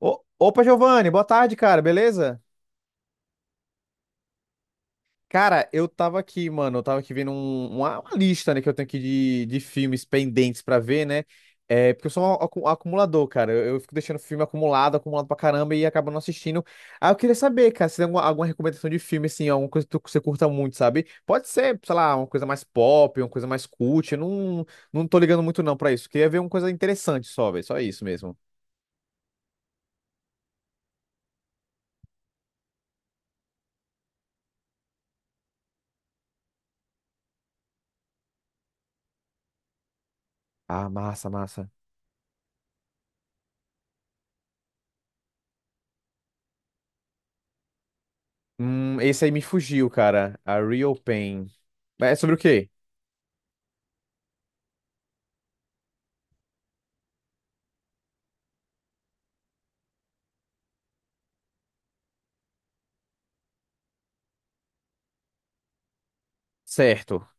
Opa, Giovanni, boa tarde, cara, beleza? Cara, eu tava aqui, mano, eu tava aqui vendo uma lista, né, que eu tenho aqui de filmes pendentes pra ver, né? É, porque eu sou um acumulador, cara. Eu fico deixando filme acumulado, acumulado pra caramba e acabo não assistindo. Ah, eu queria saber, cara, se tem alguma recomendação de filme, assim, alguma coisa que você curta muito, sabe? Pode ser, sei lá, uma coisa mais pop, uma coisa mais cult. Eu não tô ligando muito não pra isso. Queria ver uma coisa interessante só, velho, só isso mesmo. Ah, massa, massa. Esse aí me fugiu, cara. A Real Pain. É sobre o quê? Certo.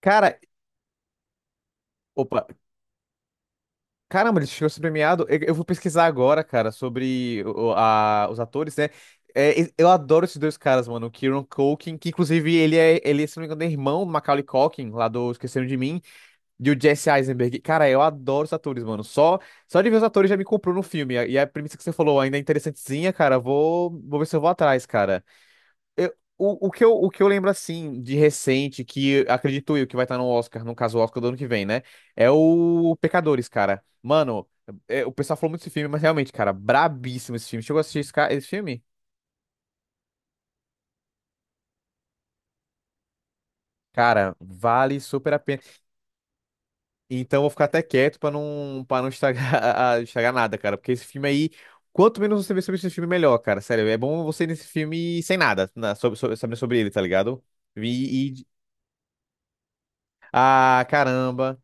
Cara, opa. Caramba, ele chegou a ser premiado. Eu vou pesquisar agora, cara, sobre os atores, né? É, eu adoro esses dois caras, mano. O Kieran Culkin, que inclusive ele é, se não me engano, é irmão do Macaulay Culkin, lá do Esqueceram de Mim, e o Jesse Eisenberg. Cara, eu adoro os atores, mano. Só de ver os atores já me comprou no filme. E a premissa que você falou ainda é interessantezinha, cara. Vou ver se eu vou atrás, cara. O que eu lembro, assim, de recente, que acredito eu que vai estar no Oscar, no caso, o Oscar do ano que vem, né? É o Pecadores, cara. Mano, o pessoal falou muito desse filme, mas realmente, cara, brabíssimo esse filme. Chegou a assistir esse filme? Cara, vale super a pena. Então eu vou ficar até quieto pra não estragar, estragar nada, cara. Porque esse filme aí, quanto menos você vê sobre esse filme, melhor, cara. Sério, é bom você ir nesse filme sem nada, sabendo sobre ele, tá ligado? E, e... Ah, caramba.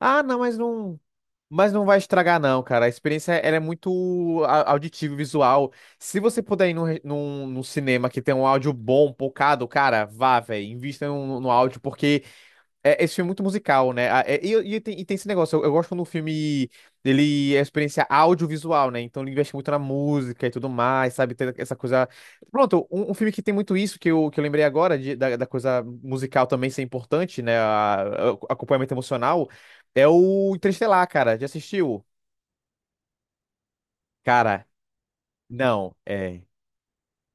Ah, não, mas não. Mas não vai estragar, não, cara. A experiência ela é muito auditiva e visual. Se você puder ir num cinema que tem um áudio bom, pocado, cara, vá, velho. Invista no áudio, porque esse filme é muito musical, né? E tem esse negócio, eu gosto quando o filme ele é experiência audiovisual, né? Então ele investe muito na música e tudo mais, sabe? Tem essa coisa. Pronto, um filme que tem muito isso, que eu lembrei agora, da coisa musical também ser importante, né? Acompanhamento emocional, é o Interestelar, cara. Já assistiu? Cara, não, é.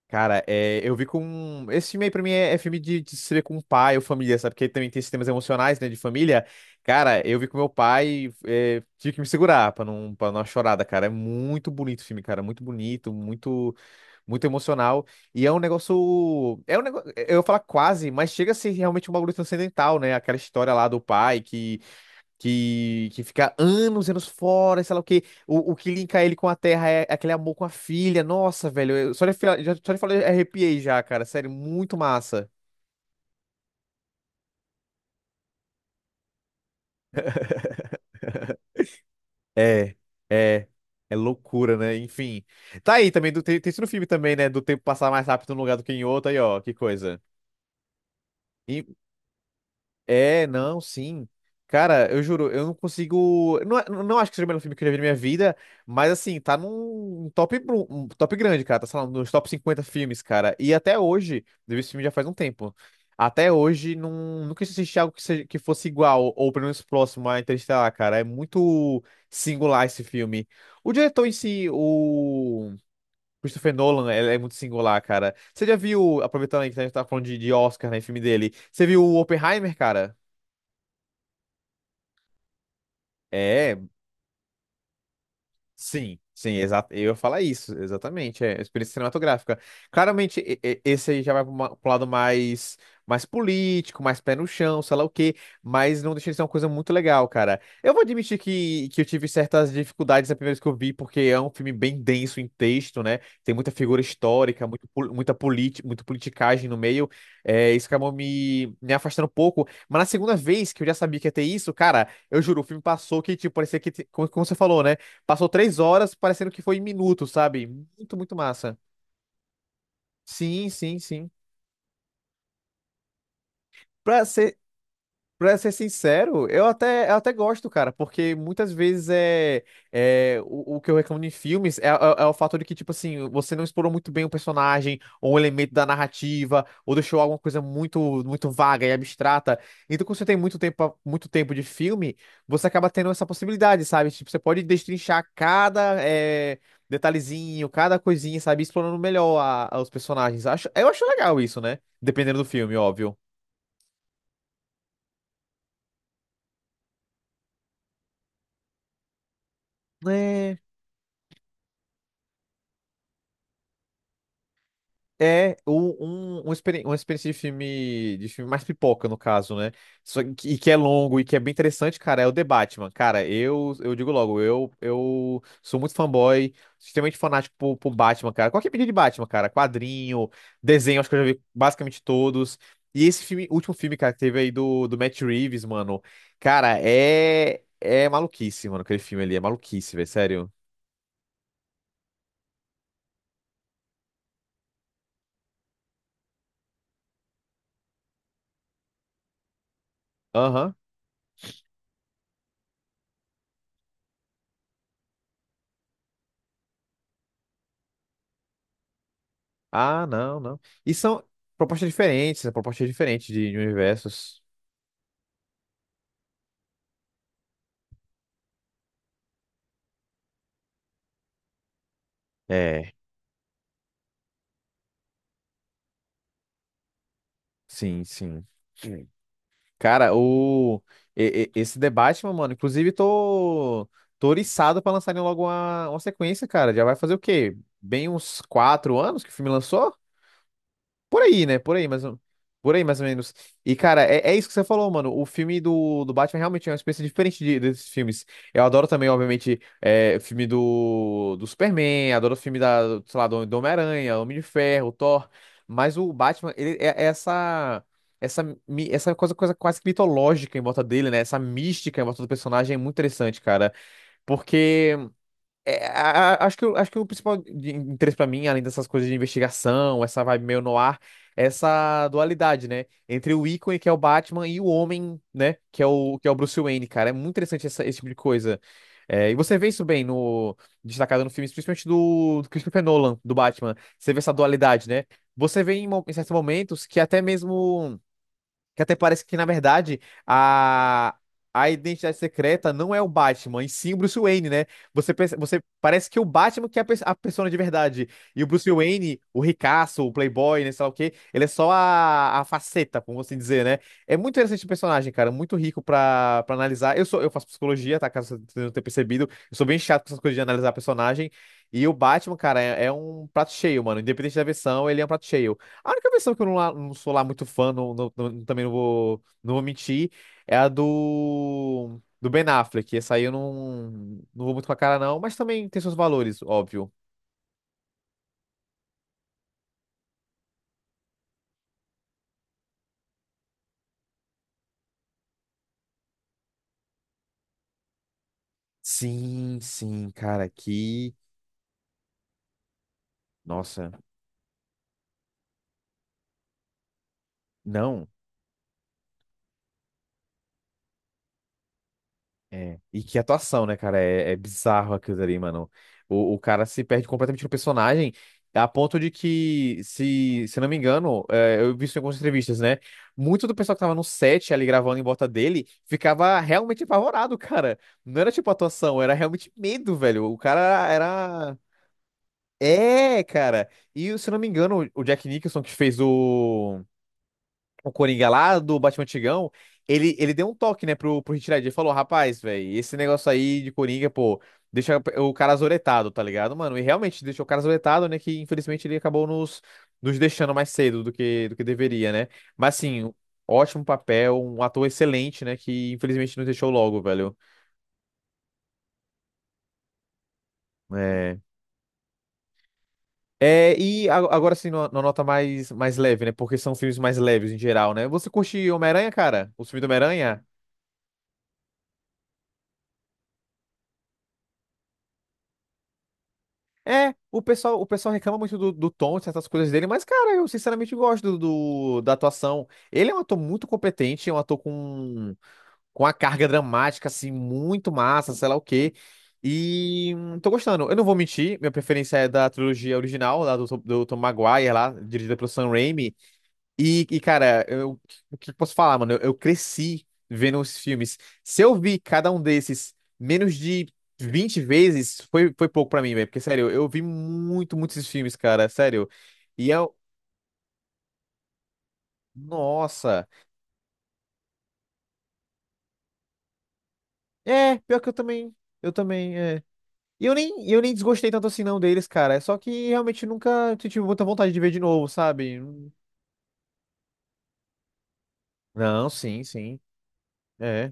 Cara, eu vi com. Esse filme aí pra mim é, é filme de se ver com pai ou família, sabe? Porque também tem esses temas emocionais, né, de família. Cara, eu vi com meu pai, é, tive que me segurar pra não dar uma chorada, cara. É muito bonito o filme, cara. Muito bonito, muito, muito emocional. E é um negócio. É um negócio. Eu ia falar quase, mas chega a ser realmente um bagulho transcendental, né? Aquela história lá do pai que fica anos e anos fora, e sei lá o quê. O que linka ele com a Terra é aquele amor com a filha. Nossa, velho, só de falar eu arrepiei já, cara. Sério, muito massa. É, é. É loucura, né? Enfim. Tá aí também, tem isso no filme também, né? Do tempo passar mais rápido num lugar do que em outro, aí ó, que coisa. É, não, sim. Cara, eu juro, eu não consigo. Não, não acho que seja o melhor filme que eu já vi na minha vida, mas assim, tá num um top grande, cara. Tá, sei lá, nos top 50 filmes, cara. E até hoje, eu vi esse filme já faz um tempo. Até hoje, não, nunca assisti algo que, seja, que fosse igual, ou pelo menos próximo a Interestelar, cara. É muito singular esse filme. O diretor em si, o Christopher Nolan, ele é muito singular, cara. Você já viu, aproveitando aí que a gente tá falando de Oscar, né, filme dele, você viu o Oppenheimer, cara? É, sim, sim, exato. Eu ia falar isso, exatamente. É experiência cinematográfica. Claramente, esse aí já vai para o lado mais, político, mais pé no chão, sei lá o quê, mas não deixa de ser uma coisa muito legal, cara. Eu vou admitir que eu tive certas dificuldades a primeira vez que eu vi, porque é um filme bem denso em texto, né? Tem muita figura histórica, muito, pol- muita politi, muita politicagem no meio. É, isso acabou me afastando um pouco. Mas na segunda vez que eu já sabia que ia ter isso, cara, eu juro, o filme passou que, tipo, parecia que, como, como você falou, né? Passou 3 horas, parecendo que foi em minutos, sabe? Muito, muito massa. Sim, sim, sim. Pra ser Pra ser sincero, eu até gosto, cara, porque muitas vezes é, é o que eu reclamo em filmes é o fato de que, tipo assim, você não explorou muito bem o personagem, ou um elemento da narrativa, ou deixou alguma coisa muito, muito vaga e abstrata. Então, quando você tem muito tempo de filme, você acaba tendo essa possibilidade, sabe? Tipo, você pode destrinchar cada detalhezinho, cada coisinha, sabe? Explorando melhor os personagens. Eu acho legal isso, né? Dependendo do filme, óbvio. É. Uma experiência de filme, mais pipoca, no caso, né? Só que, e que é longo e que é bem interessante, cara, é o The Batman. Cara, eu digo logo, eu sou muito fanboy, extremamente fanático por Batman, cara. Qualquer mídia de Batman, cara, quadrinho, desenho, acho que eu já vi basicamente todos. E esse filme, último filme, cara, que teve aí do Matt Reeves, mano. Cara, é maluquice, mano, aquele filme ali, é maluquice, velho, sério. Aham. Ah, não, não. E são propostas diferentes de universos. É, sim, sim. Sim. Cara, esse debate, mano, inclusive tô oriçado pra lançarem logo uma sequência, cara. Já vai fazer o quê? Bem uns 4 anos que o filme lançou? Por aí, né? Por aí, mas por aí, mais ou menos. E, cara, é, é isso que você falou, mano. O filme do Batman realmente é uma experiência diferente desses filmes. Eu adoro também, obviamente, é, o filme do Superman, adoro o filme da, sei lá, do Homem-Aranha, Homem de Ferro, Thor. Mas o Batman, ele é essa. Essa coisa, coisa quase que mitológica em volta dele, né? Essa mística em volta do personagem é muito interessante, cara. Porque é, acho que, acho que o principal de interesse pra mim, além dessas coisas de investigação, essa vibe meio noir, é essa dualidade, né? Entre o ícone, que é o Batman, e o homem, né? Que é o Bruce Wayne, cara. É muito interessante esse tipo de coisa. É, e você vê isso bem no destacado no filme, principalmente do Christopher Nolan, do Batman. Você vê essa dualidade, né? Você vê em certos momentos que até mesmo. Que até parece que, na verdade, a, a identidade secreta não é o Batman, e sim o Bruce Wayne, né? Você, você parece que o Batman que é a persona de verdade. E o Bruce Wayne, o ricaço, o playboy, né, sei lá o quê, ele é só a faceta, como assim dizer, né? É muito interessante o personagem, cara. Muito rico pra analisar. Eu sou, eu faço psicologia, tá? Caso você não tenha percebido. Eu sou bem chato com essas coisas de analisar personagem. E o Batman, cara, é um prato cheio, mano. Independente da versão, ele é um prato cheio. A única versão que eu não, não sou lá muito fã, também não vou mentir, é a do Ben Affleck. Essa aí eu não vou muito com a cara, não, mas também tem seus valores, óbvio. Sim, sim, cara, que. Nossa, não. É. E que atuação, né, cara? É bizarro aquilo ali, mano. O cara se perde completamente no personagem, a ponto de que, se não me engano, eu vi isso em algumas entrevistas, né? Muito do pessoal que tava no set ali gravando em volta dele ficava realmente apavorado, cara. Não era tipo atuação, era realmente medo, velho. O cara era. É, cara. E se não me engano, o Jack Nicholson que fez o Coringa lá do Batman Antigão, ele deu um toque, né, pro Heath Ledger. Ele falou, rapaz, velho, esse negócio aí de Coringa, pô, deixa o cara azoretado, tá ligado, mano? E realmente deixou o cara azoretado, né, que infelizmente ele acabou nos deixando mais cedo do que deveria, né? Mas, assim, ótimo papel, um ator excelente, né, que infelizmente nos deixou logo, velho. É... É, e agora sim, numa numa nota mais, mais leve, né? Porque são filmes mais leves em geral, né? Você curte Homem-Aranha, cara? Os filmes do Homem-Aranha? É, o pessoal reclama muito do, do tom, de certas coisas dele, mas, cara, eu sinceramente gosto do, da atuação. Ele é um ator muito competente, é um ator com uma carga dramática, assim, muito massa, sei lá o quê. E tô gostando. Eu não vou mentir, minha preferência é da trilogia original, lá do, do Tom Maguire, lá, dirigida pelo Sam Raimi. Cara, eu, o que eu posso falar, mano? Eu cresci vendo os filmes. Se eu vi cada um desses menos de 20 vezes, foi, foi pouco pra mim, velho. Porque, sério, eu vi muito, muitos esses filmes, cara, sério. E eu. Nossa! É, pior que eu também. Eu também, é. E eu nem desgostei tanto assim, não, deles, cara. É só que realmente nunca tive muita vontade de ver de novo, sabe? Não, sim, sim. É.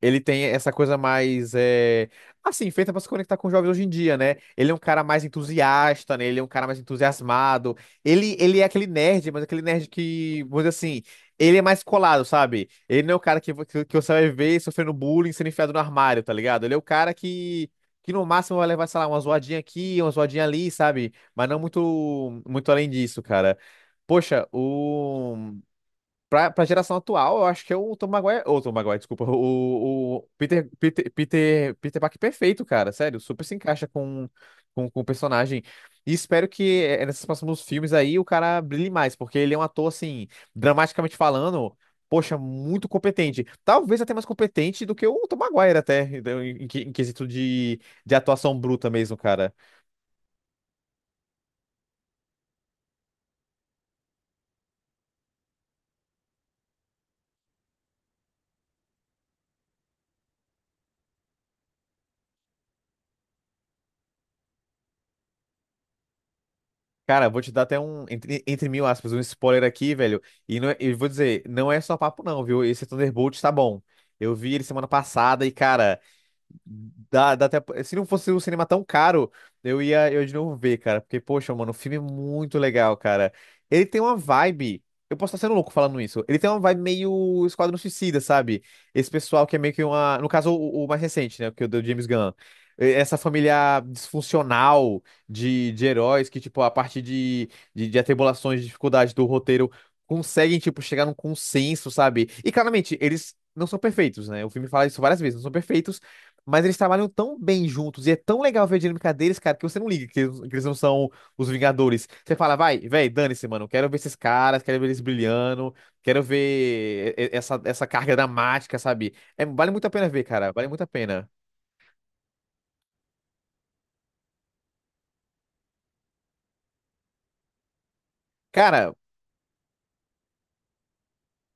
Ele tem essa coisa mais, é, assim, feita pra se conectar com os jovens hoje em dia, né? Ele é um cara mais entusiasta, né? Ele é um cara mais entusiasmado. Ele é aquele nerd, mas aquele nerd que, vamos dizer assim, ele é mais colado, sabe? Ele não é o cara que, que você vai ver sofrendo bullying, sendo enfiado no armário, tá ligado? Ele é o cara que no máximo vai levar, sei lá, uma zoadinha aqui, uma zoadinha ali, sabe? Mas não muito, muito além disso, cara. Poxa, o. Pra geração atual, eu acho que é o Tom Maguire. Ou Tom Maguire, desculpa. O Peter Parker perfeito, cara. Sério, super se encaixa com o personagem. E espero que nesses próximos filmes aí o cara brilhe mais, porque ele é um ator, assim, dramaticamente falando, poxa, muito competente. Talvez até mais competente do que o Tom Maguire, até, então, em quesito de atuação bruta mesmo, cara. Cara, vou te dar até um, entre, entre mil aspas, um spoiler aqui, velho. E não, eu vou dizer, não é só papo, não, viu? Esse Thunderbolt tá bom. Eu vi ele semana passada e, cara. Dá até... Se não fosse um cinema tão caro, eu ia eu de novo ver, cara. Porque, poxa, mano, o filme é muito legal, cara. Ele tem uma vibe. Eu posso estar sendo louco falando isso. Ele tem uma vibe meio Esquadrão Suicida, sabe? Esse pessoal que é meio que uma. No caso, o mais recente, né? Que é o do James Gunn. Essa família disfuncional de heróis que, tipo, a partir de, de atribulações, de dificuldades do roteiro, conseguem, tipo, chegar num consenso, sabe? E claramente, eles não são perfeitos, né? O filme fala isso várias vezes, não são perfeitos. Mas eles trabalham tão bem juntos e é tão legal ver a dinâmica deles, cara, que você não liga que eles não são os Vingadores. Você fala, vai, véi, dane-se, mano. Quero ver esses caras, quero ver eles brilhando, quero ver essa, essa carga dramática, sabe? É, vale muito a pena ver, cara. Vale muito a pena. Cara,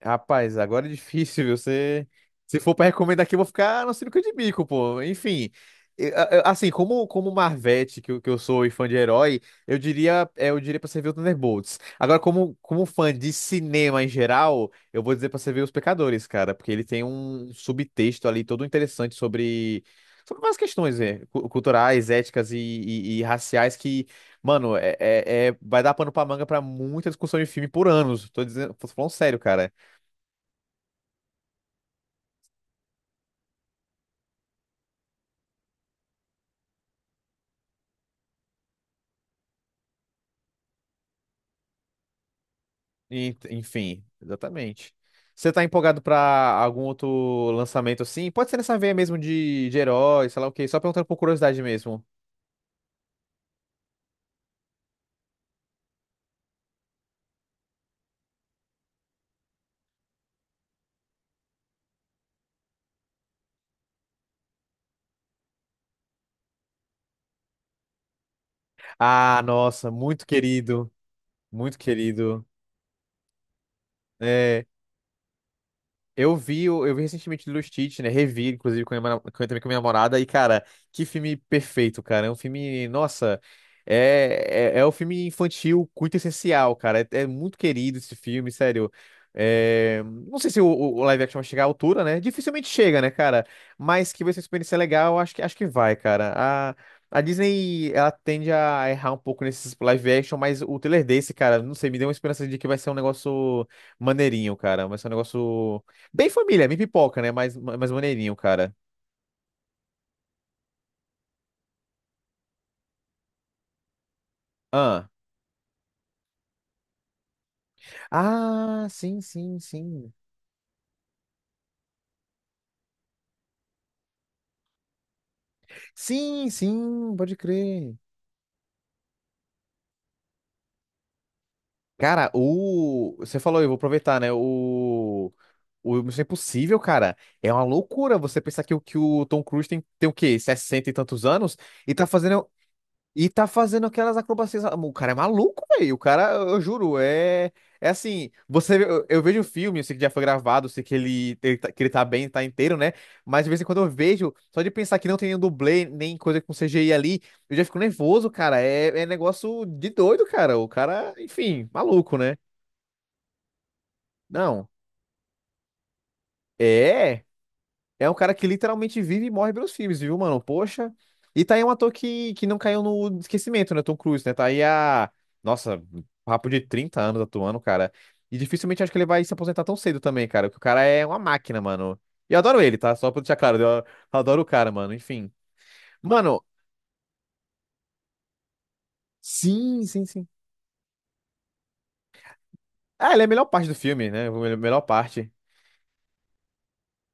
rapaz, agora é difícil, viu? Você... Se for pra recomendar aqui, eu vou ficar no sinuca de bico, pô. Enfim, assim, como, como Marvete, que, que eu sou e fã de herói, eu diria, é, eu diria pra você ver o Thunderbolts. Agora, como, como fã de cinema em geral, eu vou dizer pra você ver Os Pecadores, cara, porque ele tem um subtexto ali todo interessante sobre, sobre várias questões, né? Culturais, éticas e, e raciais que, mano, é, vai dar pano pra manga pra muita discussão de filme por anos. Tô dizendo, tô falando sério, cara. Enfim, exatamente. Você tá empolgado pra algum outro lançamento assim? Pode ser nessa veia mesmo de herói, sei lá o quê. Só perguntando por curiosidade mesmo. Ah, nossa, muito querido. Muito querido. É. Eu vi, eu vi recentemente Lilo e Stitch, né? Revi, inclusive, com a minha, também com a minha namorada. E, cara, que filme perfeito, cara. É um filme, nossa, é, é, é um filme infantil muito essencial, cara. É, é muito querido esse filme, sério. É, não sei se o, o live action vai chegar à altura, né? Dificilmente chega, né, cara? Mas que vai ser uma experiência legal, eu acho que vai, cara. A Disney, ela tende a errar um pouco nesses live action, mas o trailer desse, cara, não sei, me deu uma esperança de que vai ser um negócio maneirinho, cara. Vai ser um negócio. Bem família, bem pipoca, né? Mais, mais maneirinho, cara. Ah. Ah, sim, sim, sim. Sim, sim, pode crer. Cara, o. Você falou, eu vou aproveitar, né? O. O Missão Impossível, cara, é uma loucura você pensar que o Tom Cruise tem, tem o quê? 60 e tantos anos e tá fazendo e tá fazendo aquelas acrobacias. O cara é maluco, velho. O cara, eu juro, é. É assim, você, eu vejo o filme, eu sei que já foi gravado, eu sei que ele que ele tá bem, tá inteiro, né? Mas de vez em quando eu vejo, só de pensar que não tem nenhum dublê, nem coisa com C CGI ali, eu já fico nervoso, cara. É, é negócio de doido, cara. O cara, enfim, maluco, né? Não. É. É um cara que literalmente vive e morre pelos filmes, viu, mano? Poxa. E tá aí um ator que não caiu no esquecimento, né? Tom Cruise, né? Tá aí a. Nossa, papo de 30 anos atuando, cara. E dificilmente acho que ele vai se aposentar tão cedo também, cara. Porque o cara é uma máquina, mano. E eu adoro ele, tá? Só pra deixar claro, eu adoro o cara, mano. Enfim. Mano, sim, sim, sim. Ah, ele é a melhor parte do filme, né? A melhor parte.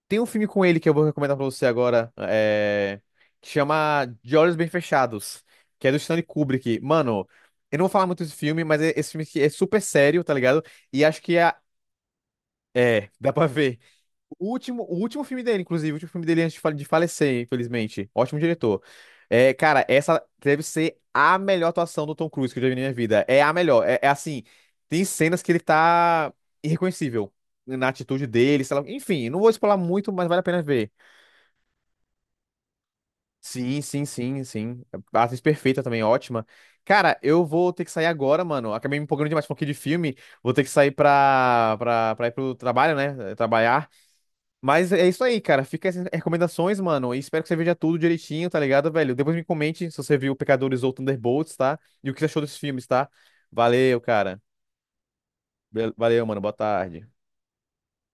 Tem um filme com ele que eu vou recomendar pra você agora, é, que chama De Olhos Bem Fechados, que é do Stanley Kubrick. Mano, eu não vou falar muito desse filme, mas esse filme aqui é super sério, tá ligado? E acho que é. É, dá pra ver. O último filme dele, inclusive, o último filme dele antes de de falecer, infelizmente. Ótimo diretor. É, cara, essa deve ser a melhor atuação do Tom Cruise que eu já vi na minha vida. É a melhor. É, é assim, tem cenas que ele tá irreconhecível na atitude dele, sei lá. Enfim, não vou explorar muito, mas vale a pena ver. Sim, sim, sim, sim. A atriz perfeita também, ótima. Cara, eu vou ter que sair agora, mano. Acabei me empolgando demais com aqui de filme. Vou ter que sair pra, pra, pra ir pro trabalho, né? Trabalhar. Mas é isso aí, cara. Fica essas recomendações, mano. E espero que você veja tudo direitinho, tá ligado, velho? Depois me comente se você viu Pecadores ou Thunderbolts, tá? E o que você achou desses filmes, tá? Valeu, cara. Valeu, mano. Boa tarde.